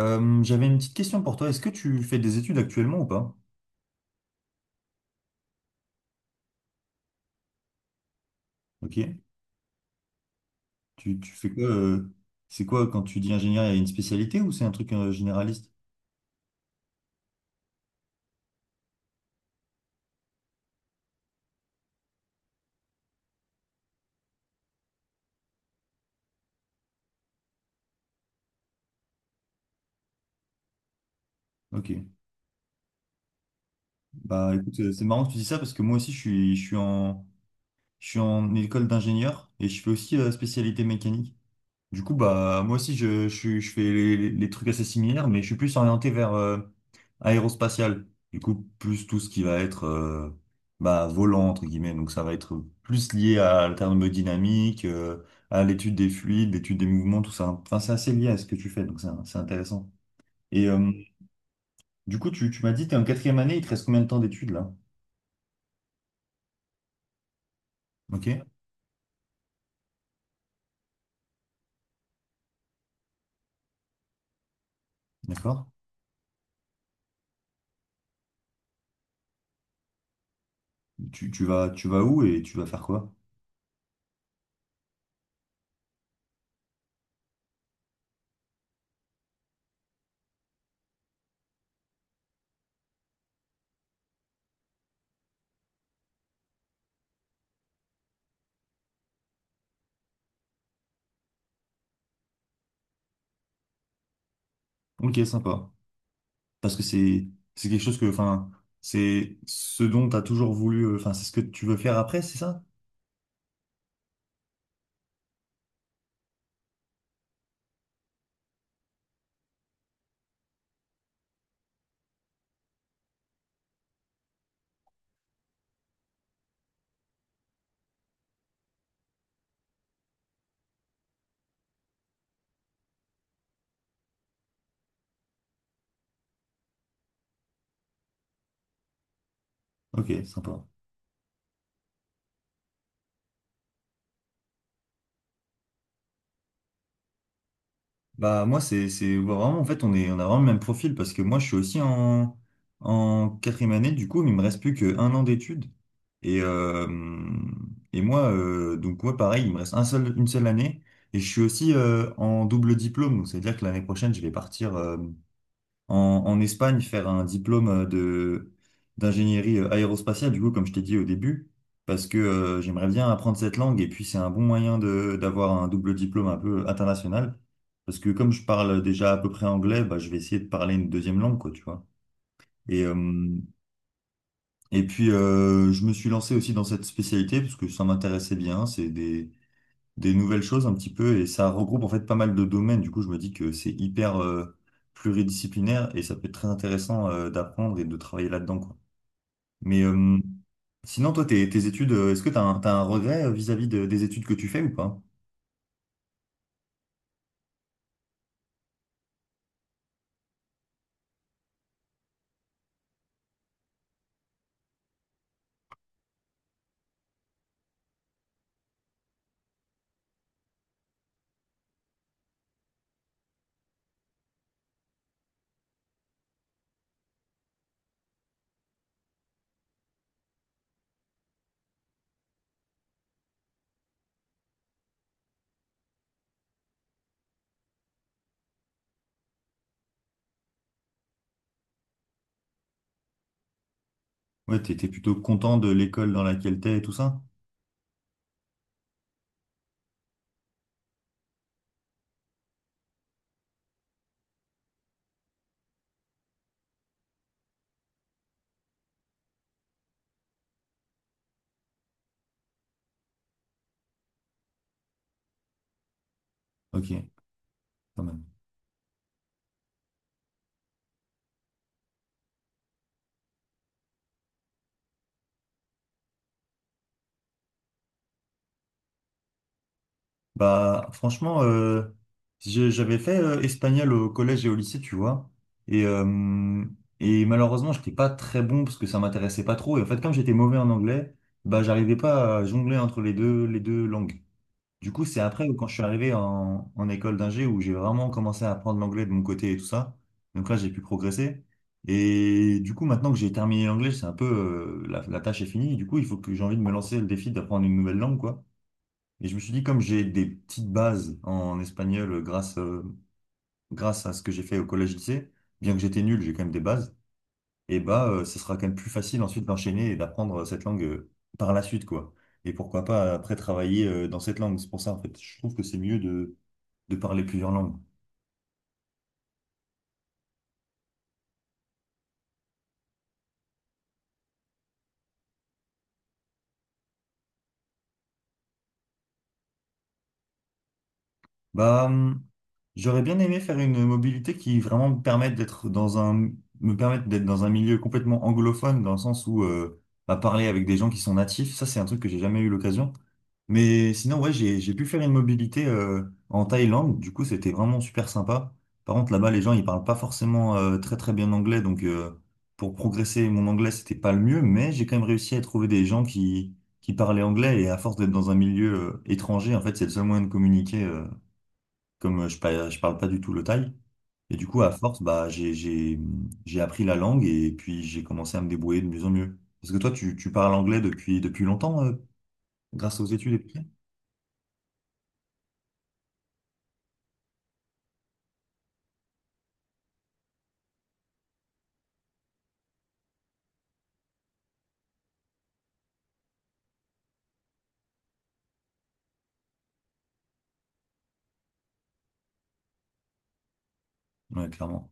J'avais une petite question pour toi. Est-ce que tu fais des études actuellement ou pas? Ok. Tu fais quoi c'est quoi quand tu dis ingénieur, il y a une spécialité ou c'est un truc généraliste? Ok. Bah écoute, c'est marrant que tu dis ça parce que moi aussi je suis en école d'ingénieur et je fais aussi spécialité mécanique. Du coup, bah, moi aussi, je fais les trucs assez similaires, mais je suis plus orienté vers aérospatial. Du coup, plus tout ce qui va être bah, volant, entre guillemets. Donc, ça va être plus lié à la thermodynamique, à l'étude des fluides, l'étude des mouvements, tout ça. Enfin, c'est assez lié à ce que tu fais, donc c'est intéressant. Et du coup, tu m'as dit, tu es en quatrième année, il te reste combien de temps d'études là? Ok, d'accord. Tu vas où et tu vas faire quoi? Ok, sympa. Parce que c'est quelque chose que, enfin, c'est ce dont tu as toujours voulu enfin c'est ce que tu veux faire après, c'est ça? Ok, sympa. Bah moi c'est ouais, vraiment, en fait, on a vraiment le même profil parce que moi je suis aussi en quatrième année du coup, mais il me reste plus qu'un an d'études et euh, et moi donc moi pareil, il me reste un seul une seule année et je suis aussi en double diplôme, donc c'est à dire que l'année prochaine je vais partir en, en Espagne faire un diplôme de d'ingénierie aérospatiale, du coup, comme je t'ai dit au début, parce que j'aimerais bien apprendre cette langue et puis c'est un bon moyen de d'avoir un double diplôme un peu international. Parce que comme je parle déjà à peu près anglais, bah, je vais essayer de parler une deuxième langue, quoi, tu vois. Et, euh, et puis, je me suis lancé aussi dans cette spécialité parce que ça m'intéressait bien. C'est des nouvelles choses un petit peu et ça regroupe en fait pas mal de domaines. Du coup, je me dis que c'est hyper pluridisciplinaire et ça peut être très intéressant d'apprendre et de travailler là-dedans, quoi. Mais sinon, toi, tes études, est-ce que tu as un, t'as un regret vis-à-vis de des études que tu fais ou pas? Ouais, t'es plutôt content de l'école dans laquelle t'es et tout ça? Ok, quand même. Bah, franchement, j'avais fait espagnol au collège et au lycée, tu vois. Et, euh, et malheureusement, j'étais pas très bon parce que ça m'intéressait pas trop. Et en fait, comme j'étais mauvais en anglais, bah, j'arrivais pas à jongler entre les deux langues. Du coup, c'est après, quand je suis arrivé en école d'ingé, où j'ai vraiment commencé à apprendre l'anglais de mon côté et tout ça. Donc là, j'ai pu progresser. Et du coup, maintenant que j'ai terminé l'anglais, c'est un peu, la tâche est finie. Du coup, il faut que j'ai envie de me lancer le défi d'apprendre une nouvelle langue, quoi. Et je me suis dit, comme j'ai des petites bases en espagnol grâce à ce que j'ai fait au collège-lycée, bien que j'étais nul, j'ai quand même des bases, et bah, ce sera quand même plus facile ensuite d'enchaîner et d'apprendre cette langue par la suite, quoi. Et pourquoi pas après travailler dans cette langue. C'est pour ça, en fait, je trouve que c'est mieux de parler plusieurs langues. Bah, j'aurais bien aimé faire une mobilité qui vraiment me permette d'être dans un milieu complètement anglophone, dans le sens où, bah, parler avec des gens qui sont natifs, ça, c'est un truc que j'ai jamais eu l'occasion. Mais sinon, ouais, j'ai pu faire une mobilité en Thaïlande. Du coup, c'était vraiment super sympa. Par contre, là-bas, les gens, ils parlent pas forcément très très bien anglais. Donc, pour progresser, mon anglais, c'était pas le mieux. Mais j'ai quand même réussi à trouver des gens qui parlaient anglais. Et à force d'être dans un milieu étranger, en fait, c'est le seul moyen de communiquer. Comme je parle pas du tout le thaï. Et du coup, à force, bah, j'ai appris la langue et puis j'ai commencé à me débrouiller de mieux en mieux. Parce que toi, tu parles anglais depuis, depuis longtemps, grâce aux études et tout ça. Ouais, clairement.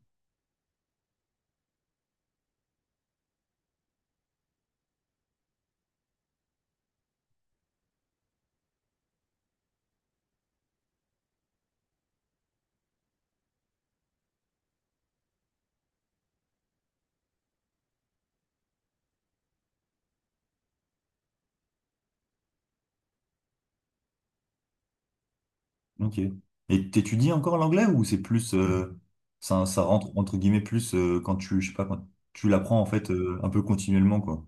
Ok. Et t'étudies encore l'anglais ou c'est plus ça, ça rentre entre guillemets plus quand tu, je sais pas quand tu l'apprends en fait un peu continuellement quoi.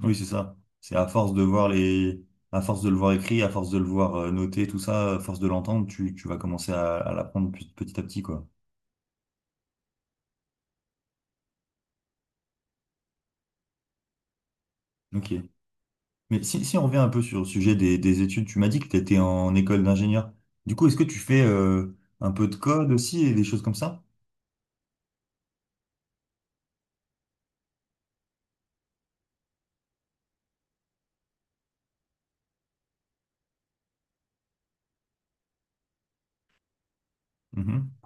Oui, c'est ça. C'est à force de voir les, à force de le voir écrit, à force de le voir noté, tout ça, à force de l'entendre, tu vas commencer à l'apprendre petit petit à petit quoi. Ok. Mais si on revient un peu sur le sujet des études, tu m'as dit que tu étais en école d'ingénieur. Du coup, est-ce que tu fais un peu de code aussi et des choses comme ça? Mhm.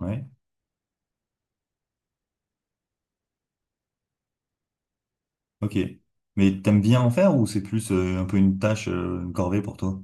Ouais, ok. Mais t'aimes bien en faire ou c'est plus un peu une tâche, une corvée pour toi?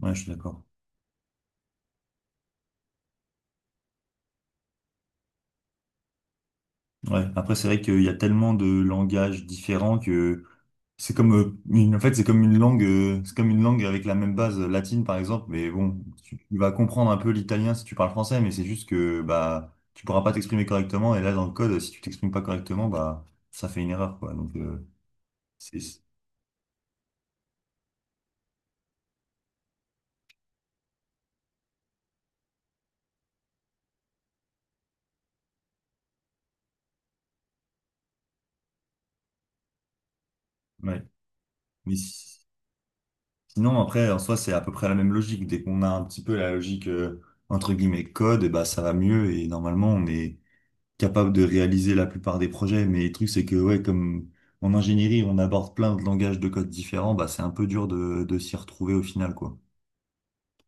Ouais, je suis d'accord. Ouais. Après, c'est vrai qu'il y a tellement de langages différents que c'est comme en fait, c'est comme une langue, c'est comme une langue avec la même base latine, par exemple. Mais bon, tu vas comprendre un peu l'italien si tu parles français, mais c'est juste que bah tu pourras pas t'exprimer correctement. Et là, dans le code, si tu t'exprimes pas correctement, bah ça fait une erreur, quoi. Donc c'est, ouais. Mais sinon, après, en soi, c'est à peu près la même logique. Dès qu'on a un petit peu la logique, entre guillemets, code, et bah, ça va mieux. Et normalement, on est capable de réaliser la plupart des projets. Mais le truc, c'est que, ouais, comme en ingénierie, on aborde plein de langages de code différents, bah, c'est un peu dur de s'y retrouver au final, quoi.